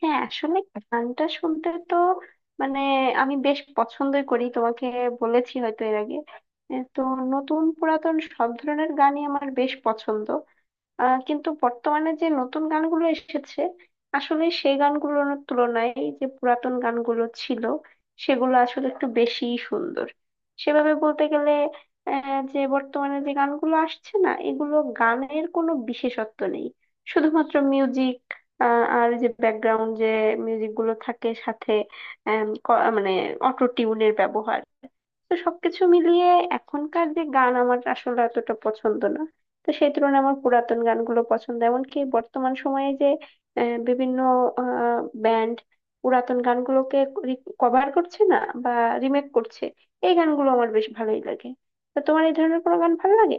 হ্যাঁ, আসলে গানটা শুনতে তো মানে আমি বেশ পছন্দই করি। তোমাকে বলেছি হয়তো এর আগে, এ তো নতুন পুরাতন সব ধরনের গানই আমার বেশ পছন্দ। কিন্তু বর্তমানে যে নতুন গানগুলো এসেছে, আসলে সেই গানগুলোর তুলনায় যে পুরাতন গানগুলো ছিল, সেগুলো আসলে একটু বেশি সুন্দর। সেভাবে বলতে গেলে, যে বর্তমানে যে গানগুলো আসছে না, এগুলো গানের কোনো বিশেষত্ব নেই। শুধুমাত্র মিউজিক আর যে ব্যাকগ্রাউন্ড যে মিউজিক গুলো থাকে সাথে, মানে অটো টিউনের ব্যবহার, তো সবকিছু মিলিয়ে এখনকার যে গান আমার আসলে এতটা পছন্দ না। তো সেই তুলনায় আমার পুরাতন গানগুলো পছন্দ। এমনকি বর্তমান সময়ে যে বিভিন্ন ব্যান্ড পুরাতন গানগুলোকে কভার করছে না বা রিমেক করছে, এই গানগুলো আমার বেশ ভালোই লাগে। তো তোমার এই ধরনের কোনো গান ভালো লাগে?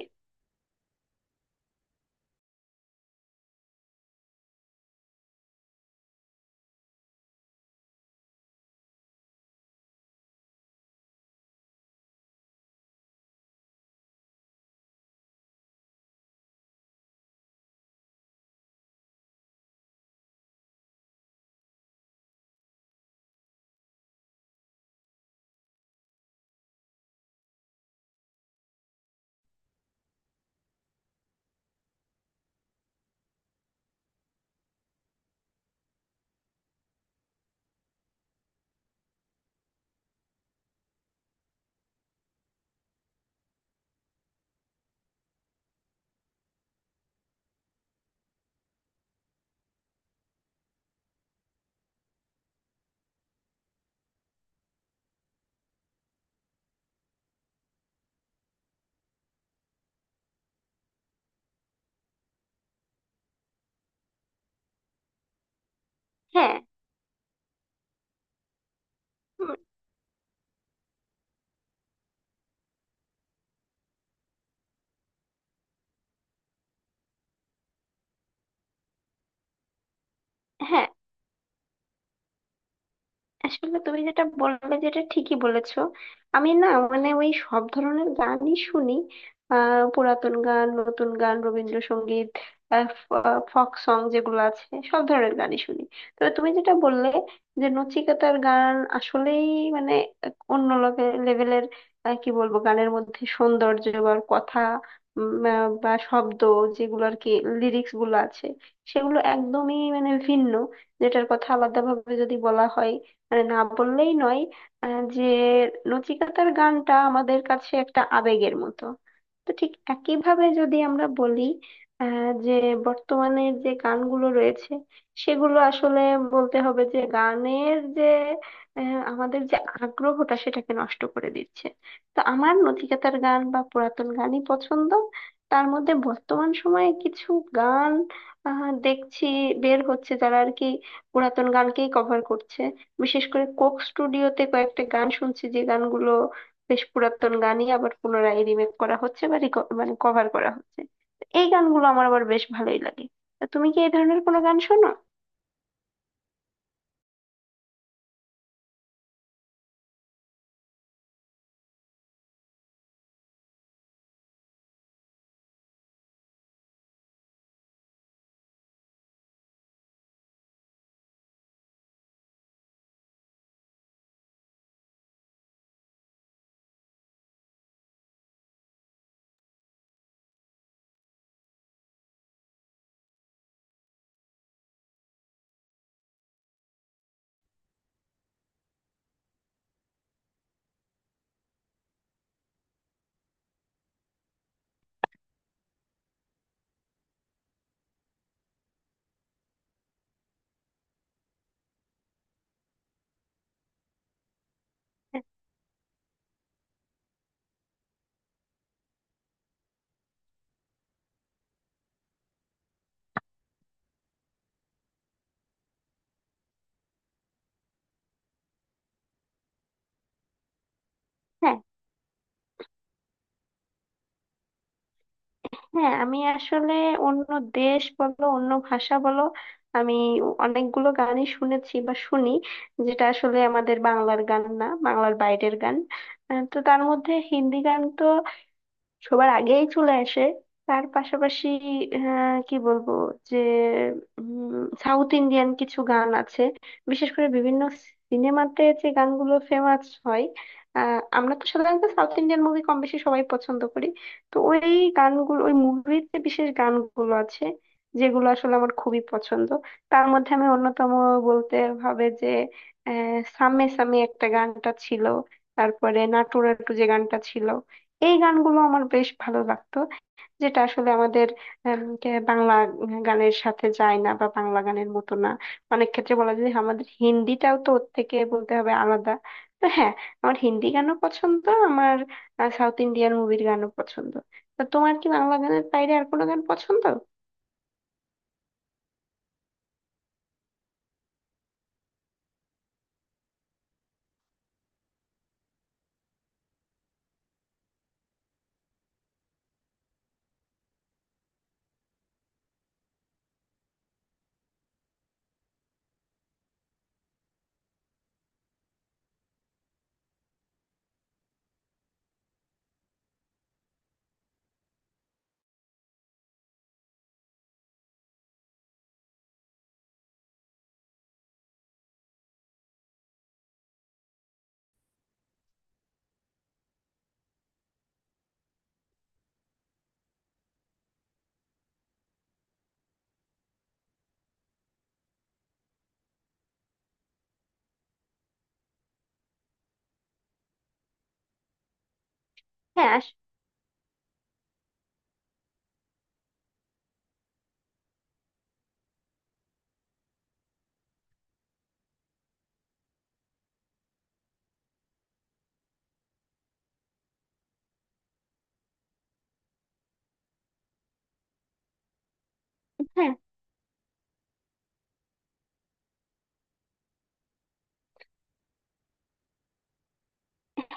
হ্যাঁ। উম, হ্যাঁ, আসলে তুমি যেটা বললে যেটা ঠিকই বলেছো। আমি না, ওই সব ধরনের গানই শুনি। আহ পুরাতন গান, নতুন গান, রবীন্দ্রসঙ্গীত, ফক সং যেগুলো আছে, সব ধরনের গানই শুনি। তবে তুমি যেটা বললে যে নচিকেতার গান আসলেই মানে এক অন্য লেভেলের। কি বলবো, গানের মধ্যে সৌন্দর্য বা কথা বা শব্দ যেগুলো আর কি লিরিক্স গুলো আছে, সেগুলো একদমই মানে ভিন্ন। যেটার কথা আলাদাভাবে যদি বলা হয়, না বললেই নয়। যে নচিকাতার গানটা আমাদের কাছে একটা আবেগের মতো। তো ঠিক একইভাবে যদি আমরা বলি, যে বর্তমানে যে গানগুলো রয়েছে সেগুলো আসলে বলতে হবে যে গানের যে আমাদের যে আগ্রহটা সেটাকে নষ্ট করে দিচ্ছে। তো আমার নচিকাতার গান বা পুরাতন গানই পছন্দ। তার মধ্যে বর্তমান সময়ে কিছু গান দেখছি বের হচ্ছে যারা আর কি পুরাতন গানকেই কভার করছে। বিশেষ করে কোক স্টুডিওতে কয়েকটা গান শুনছি যে গানগুলো বেশ পুরাতন গানই আবার পুনরায় রিমেক করা হচ্ছে বা মানে কভার করা হচ্ছে। তো এই গানগুলো আমার আবার বেশ ভালোই লাগে। তা তুমি কি এই ধরনের কোনো গান শোনো? হ্যাঁ। হ্যাঁ, আমি আসলে অন্য দেশ বলো অন্য ভাষা বলো, আমি অনেকগুলো গানই শুনেছি বা শুনি, যেটা আসলে আমাদের বাংলার গান না, বাংলার বাইরের গান। তো তার মধ্যে হিন্দি গান তো সবার আগেই চলে আসে। তার পাশাপাশি কি বলবো, যে সাউথ ইন্ডিয়ান কিছু গান আছে, বিশেষ করে বিভিন্ন সিনেমাতে যে গানগুলো ফেমাস হয়। আমরা তো সাধারণত সাউথ ইন্ডিয়ান মুভি কম বেশি সবাই পছন্দ করি। তো ওই গানগুলো, ওই মুভির যে বিশেষ গানগুলো আছে, যেগুলো আসলে আমার খুবই পছন্দ। তার মধ্যে আমি অন্যতম বলতে হবে যে সামে সামে একটা গানটা ছিল, তারপরে নাটু নাটু যে গানটা ছিল, এই গানগুলো আমার বেশ ভালো লাগতো। যেটা আসলে আমাদের বাংলা গানের সাথে যায় না বা বাংলা গানের মতো না। অনেক ক্ষেত্রে বলা যায় যে আমাদের হিন্দিটাও তো ওর থেকে বলতে হবে আলাদা। তো হ্যাঁ, আমার হিন্দি গানও পছন্দ, আমার সাউথ ইন্ডিয়ান মুভির গানও পছন্দ। তো তোমার কি বাংলা গানের বাইরে আর কোনো গান পছন্দ? হ্যাঁ আস- হ্যাঁ।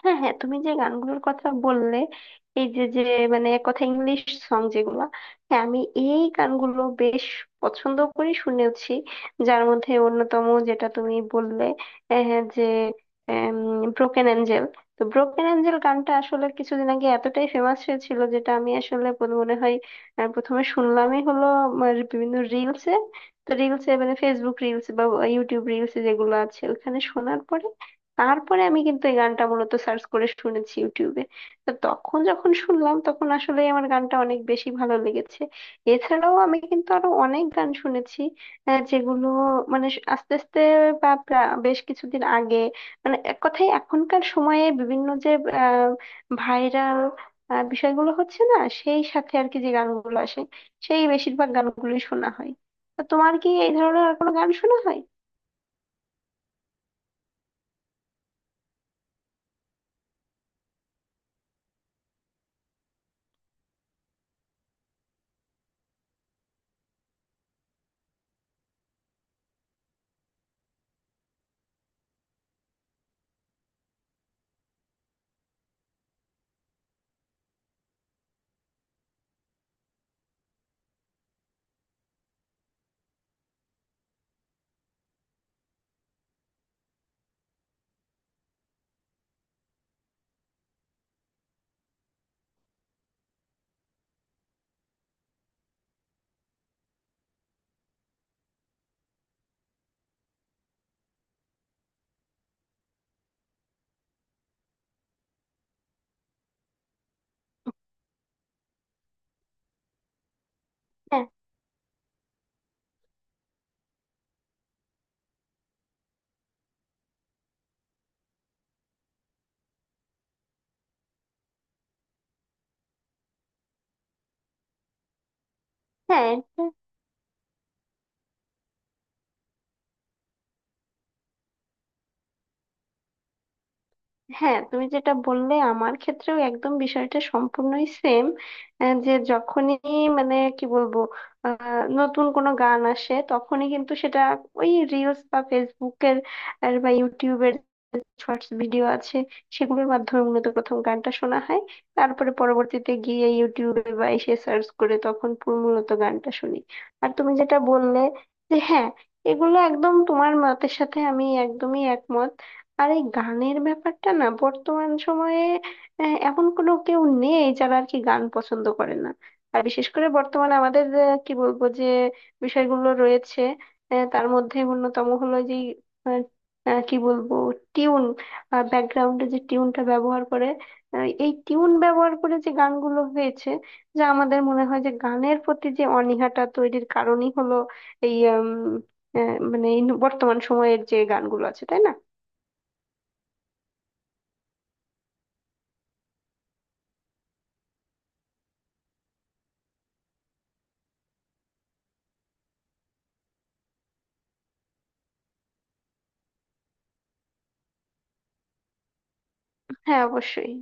হ্যাঁ, হ্যাঁ, তুমি যে গানগুলোর কথা বললে, এই যে যে এক কথা ইংলিশ সং যেগুলো, হ্যাঁ আমি এই গানগুলো বেশ পছন্দ করি, শুনেওছি। যার মধ্যে অন্যতম যেটা তুমি বললে আহ, যে ব্রোকেন অ্যাঞ্জেল। তো ব্রোকেন অ্যাঞ্জেল গানটা আসলে কিছুদিন আগে এতটাই ফেমাস হয়েছিল, যেটা আমি আসলে মনে হয় প্রথমে শুনলামই হলো আমার বিভিন্ন রিলসে। তো রিলসে মানে ফেসবুক রিলস বা ইউটিউব রিলস যেগুলো আছে ওখানে শোনার পরে, তারপরে আমি কিন্তু এই গানটা মূলত সার্চ করে শুনেছি ইউটিউবে। তো তখন যখন শুনলাম তখন আসলে আমার গানটা অনেক বেশি ভালো লেগেছে। এছাড়াও আমি কিন্তু আরো অনেক গান শুনেছি, যেগুলো আস্তে আস্তে বা বেশ কিছুদিন আগে, মানে এক কথায় এখনকার সময়ে বিভিন্ন যে ভাইরাল বিষয়গুলো হচ্ছে না, সেই সাথে আর কি যে গানগুলো আসে, সেই বেশিরভাগ গানগুলোই শোনা হয়। তো তোমার কি এই ধরনের আর কোনো গান শোনা হয়? হ্যাঁ। হ্যাঁ হ্যাঁ, তুমি যেটা বললে আমার ক্ষেত্রেও একদম বিষয়টা সম্পূর্ণই সেম। যে যখনই মানে কি বলবো নতুন কোনো গান আসে তখনই কিন্তু সেটা ওই রিলস বা ফেসবুকের আর বা ইউটিউবের শর্টস ভিডিও আছে, সেগুলোর মাধ্যমে মূলত প্রথম গানটা শোনা হয়। তারপরে পরবর্তীতে গিয়ে ইউটিউবে বা এসে সার্চ করে তখন পুরো মূলত গানটা শুনি। আর তুমি যেটা বললে যে হ্যাঁ, এগুলো একদম তোমার মতের সাথে আমি একদমই একমত। আর এই গানের ব্যাপারটা না বর্তমান সময়ে এমন কোনো কেউ নেই যারা আর কি গান পছন্দ করে না। আর বিশেষ করে বর্তমানে আমাদের আহ, কি বলবো যে বিষয়গুলো রয়েছে, তার মধ্যে অন্যতম হলো যে আহ, কি বলবো টিউন, ব্যাকগ্রাউন্ডে যে টিউনটা ব্যবহার করে, এই টিউন ব্যবহার করে যে গানগুলো হয়েছে, যা আমাদের মনে হয় যে গানের প্রতি যে অনীহাটা তৈরির কারণই হলো এই মানে এই বর্তমান সময়ের যে গানগুলো আছে, তাই না? হ্যাঁ, অবশ্যই।